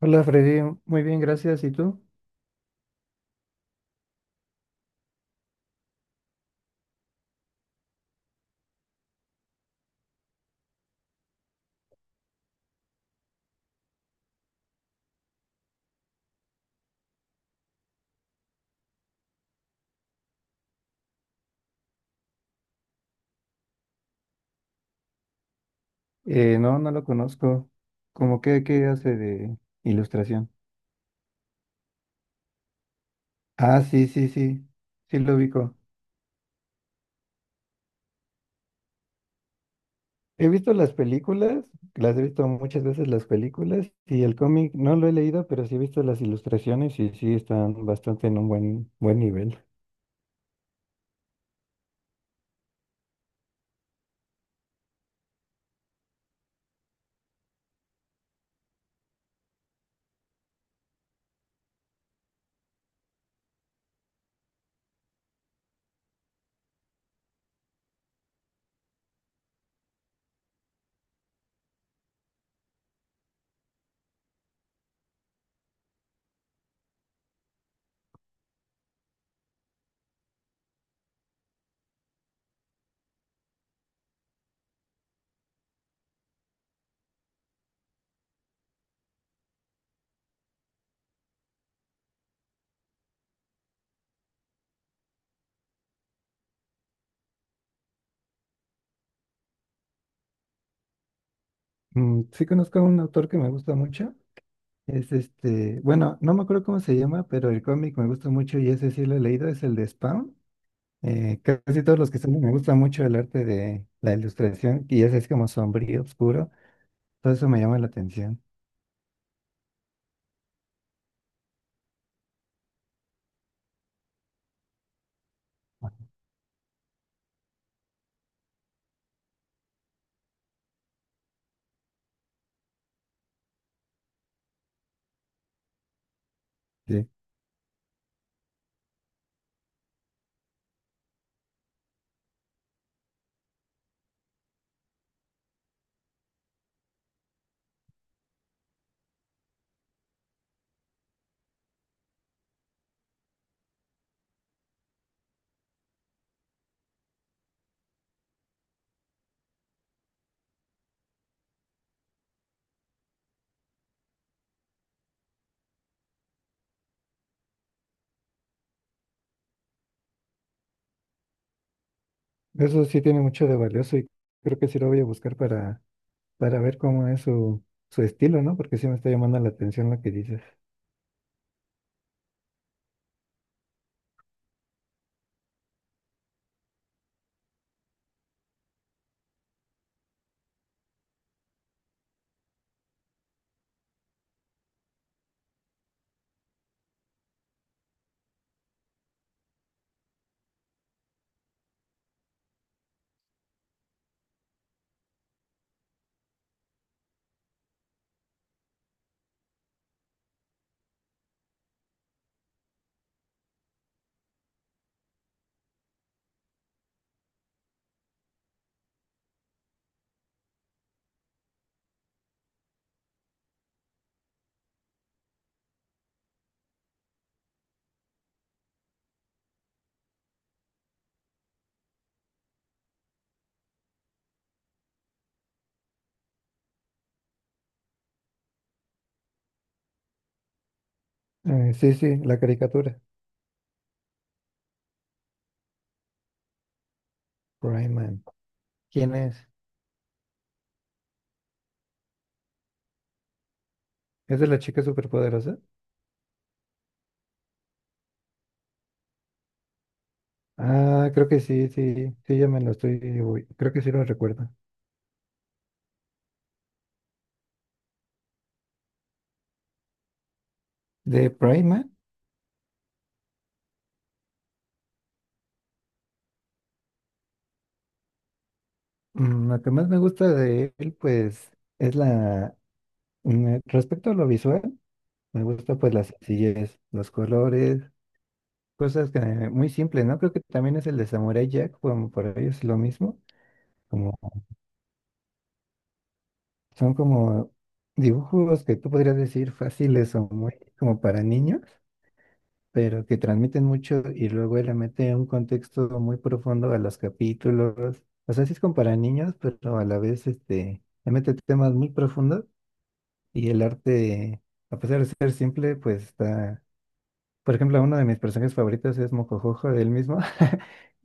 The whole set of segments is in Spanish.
Hola Freddy, muy bien, gracias. ¿Y tú? No, no lo conozco. ¿Cómo que qué hace de ilustración? Ah, sí, sí, sí, sí lo ubico. He visto las películas, las he visto muchas veces las películas y el cómic no lo he leído, pero sí he visto las ilustraciones y sí están bastante en un buen nivel. Sí conozco a un autor que me gusta mucho. Es este, bueno, no me acuerdo cómo se llama, pero el cómic me gusta mucho y ese sí lo he leído, es el de Spawn. Casi todos los que están, me gusta mucho el arte de la ilustración, y ese es como sombrío, oscuro, todo eso me llama la atención. Sí. Eso sí tiene mucho de valioso y creo que sí lo voy a buscar para ver cómo es su estilo, ¿no? Porque sí me está llamando la atención lo que dices. Sí, sí, la caricatura. Rayman. ¿Quién es? ¿Es de la chica superpoderosa? Ah, creo que sí, sí, sí, ya me lo estoy, uy, creo que sí lo recuerdo. De Prima. Mm, lo que más me gusta de él, pues, es la, respecto a lo visual, me gusta pues la sencillez, los colores, cosas que muy simples, ¿no? Creo que también es el de Samurai Jack, como por ellos es lo mismo, como son como dibujos que tú podrías decir fáciles o muy como para niños, pero que transmiten mucho y luego él le mete un contexto muy profundo a los capítulos. O sea, sí es como para niños, pero a la vez este le mete temas muy profundos y el arte, a pesar de ser simple, pues está. Por ejemplo, uno de mis personajes favoritos es Mocojojo, él mismo.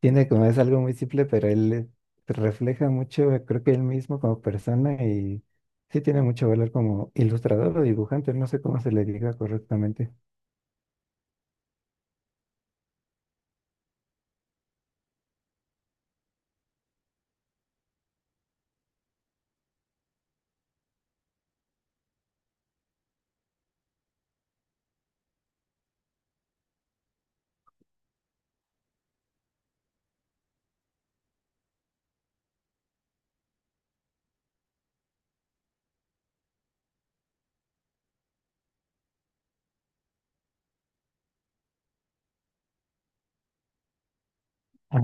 Tiene como es algo muy simple, pero él refleja mucho, creo que él mismo como persona y sí tiene mucho valor como ilustrador o dibujante, no sé cómo se le diga correctamente. Ah,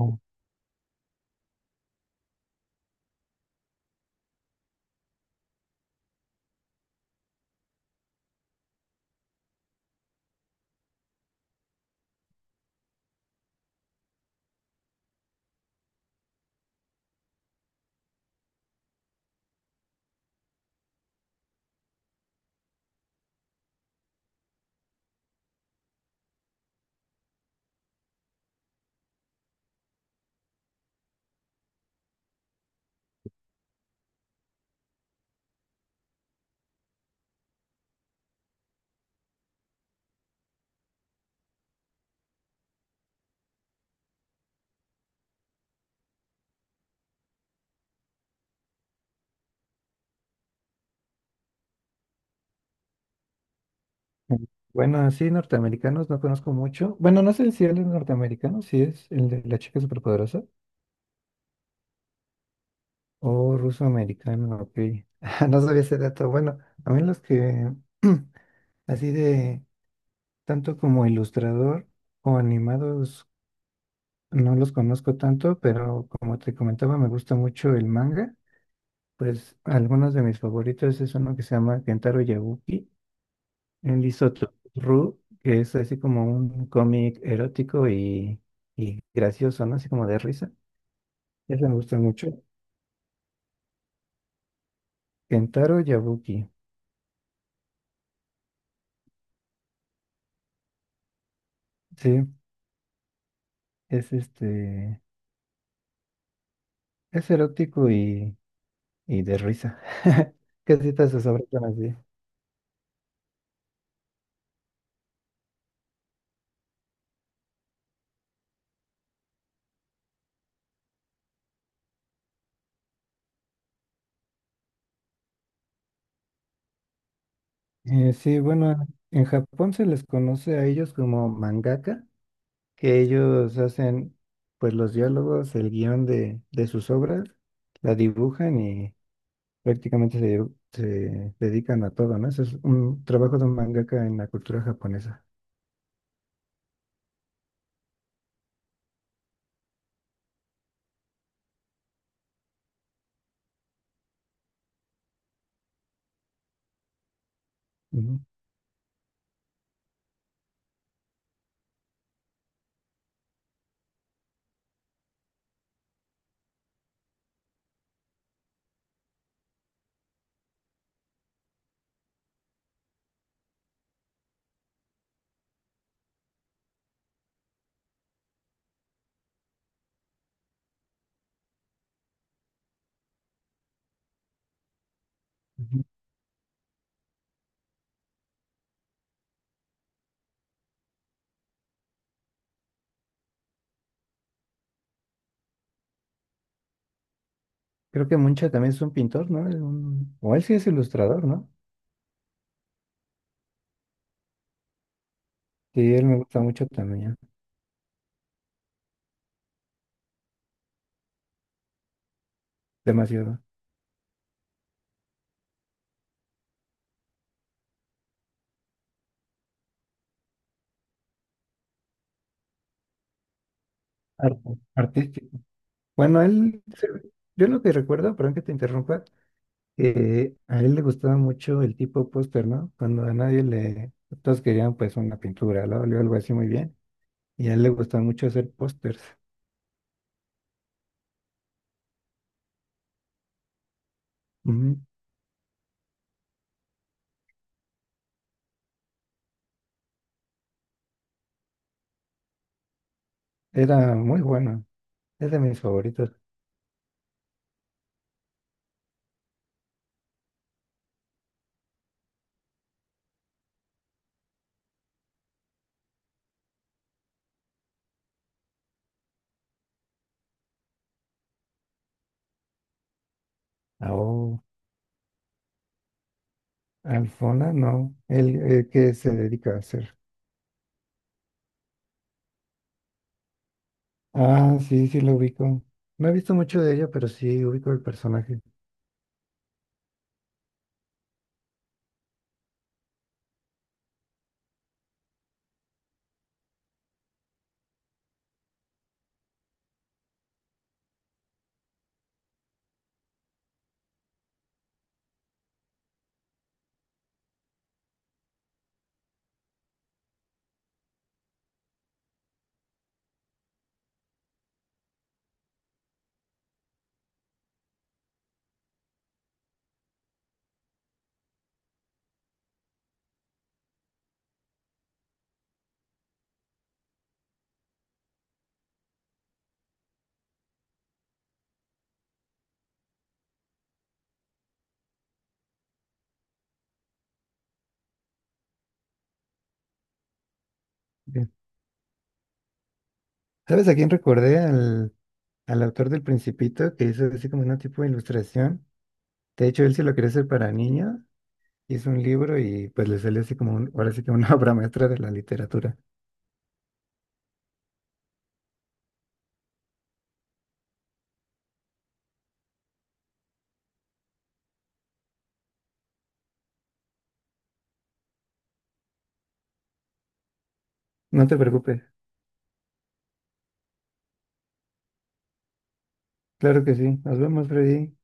mm. Bueno, así norteamericanos no conozco mucho. Bueno, no sé si él es norteamericano, si es el de la chica superpoderosa o ruso-americano, ok. No sabía ese dato. Bueno, a mí los que así de tanto como ilustrador o animados, no los conozco tanto, pero como te comentaba, me gusta mucho el manga. Pues algunos de mis favoritos es uno que se llama Kentaro Yabuki. Él hizo Ru, que es así como un cómic erótico y gracioso, ¿no? Así como de risa. Ese me gusta mucho. Kentaro Yabuki. Sí, es este, es erótico y de risa. Casi todas sus obras son así. Sí, bueno, en Japón se les conoce a ellos como mangaka, que ellos hacen pues los diálogos, el guión de sus obras, la dibujan y prácticamente se dedican a todo, ¿no? Eso es un trabajo de un mangaka en la cultura japonesa. Ujú, ujú. Creo que Muncha también es un pintor, ¿no? Es un- o él sí es ilustrador, ¿no? Sí, él me gusta mucho también, demasiado. Arte, artístico. Bueno, él, se- yo lo que recuerdo, perdón que te interrumpa, a él le gustaba mucho el tipo póster, ¿no? Cuando a nadie le... Todos querían pues una pintura, ¿no? O algo así muy bien. Y a él le gustaba mucho hacer pósters. Ujú. Era muy bueno. Es de mis favoritos. Ah, oh, Alfona, no. Él, ¿qué se dedica a hacer? Ah, sí, sí lo ubico. No he visto mucho de ella, pero sí ubico el personaje. Bien. ¿Sabes a quién recordé? Al autor del Principito, que hizo así como una tipo de ilustración. De hecho, él sí lo quería hacer para niños. Hizo un libro y pues le salió así como, un- ahora sí que una obra maestra de la literatura. No te preocupes. Claro que sí. Nos vemos, Freddy.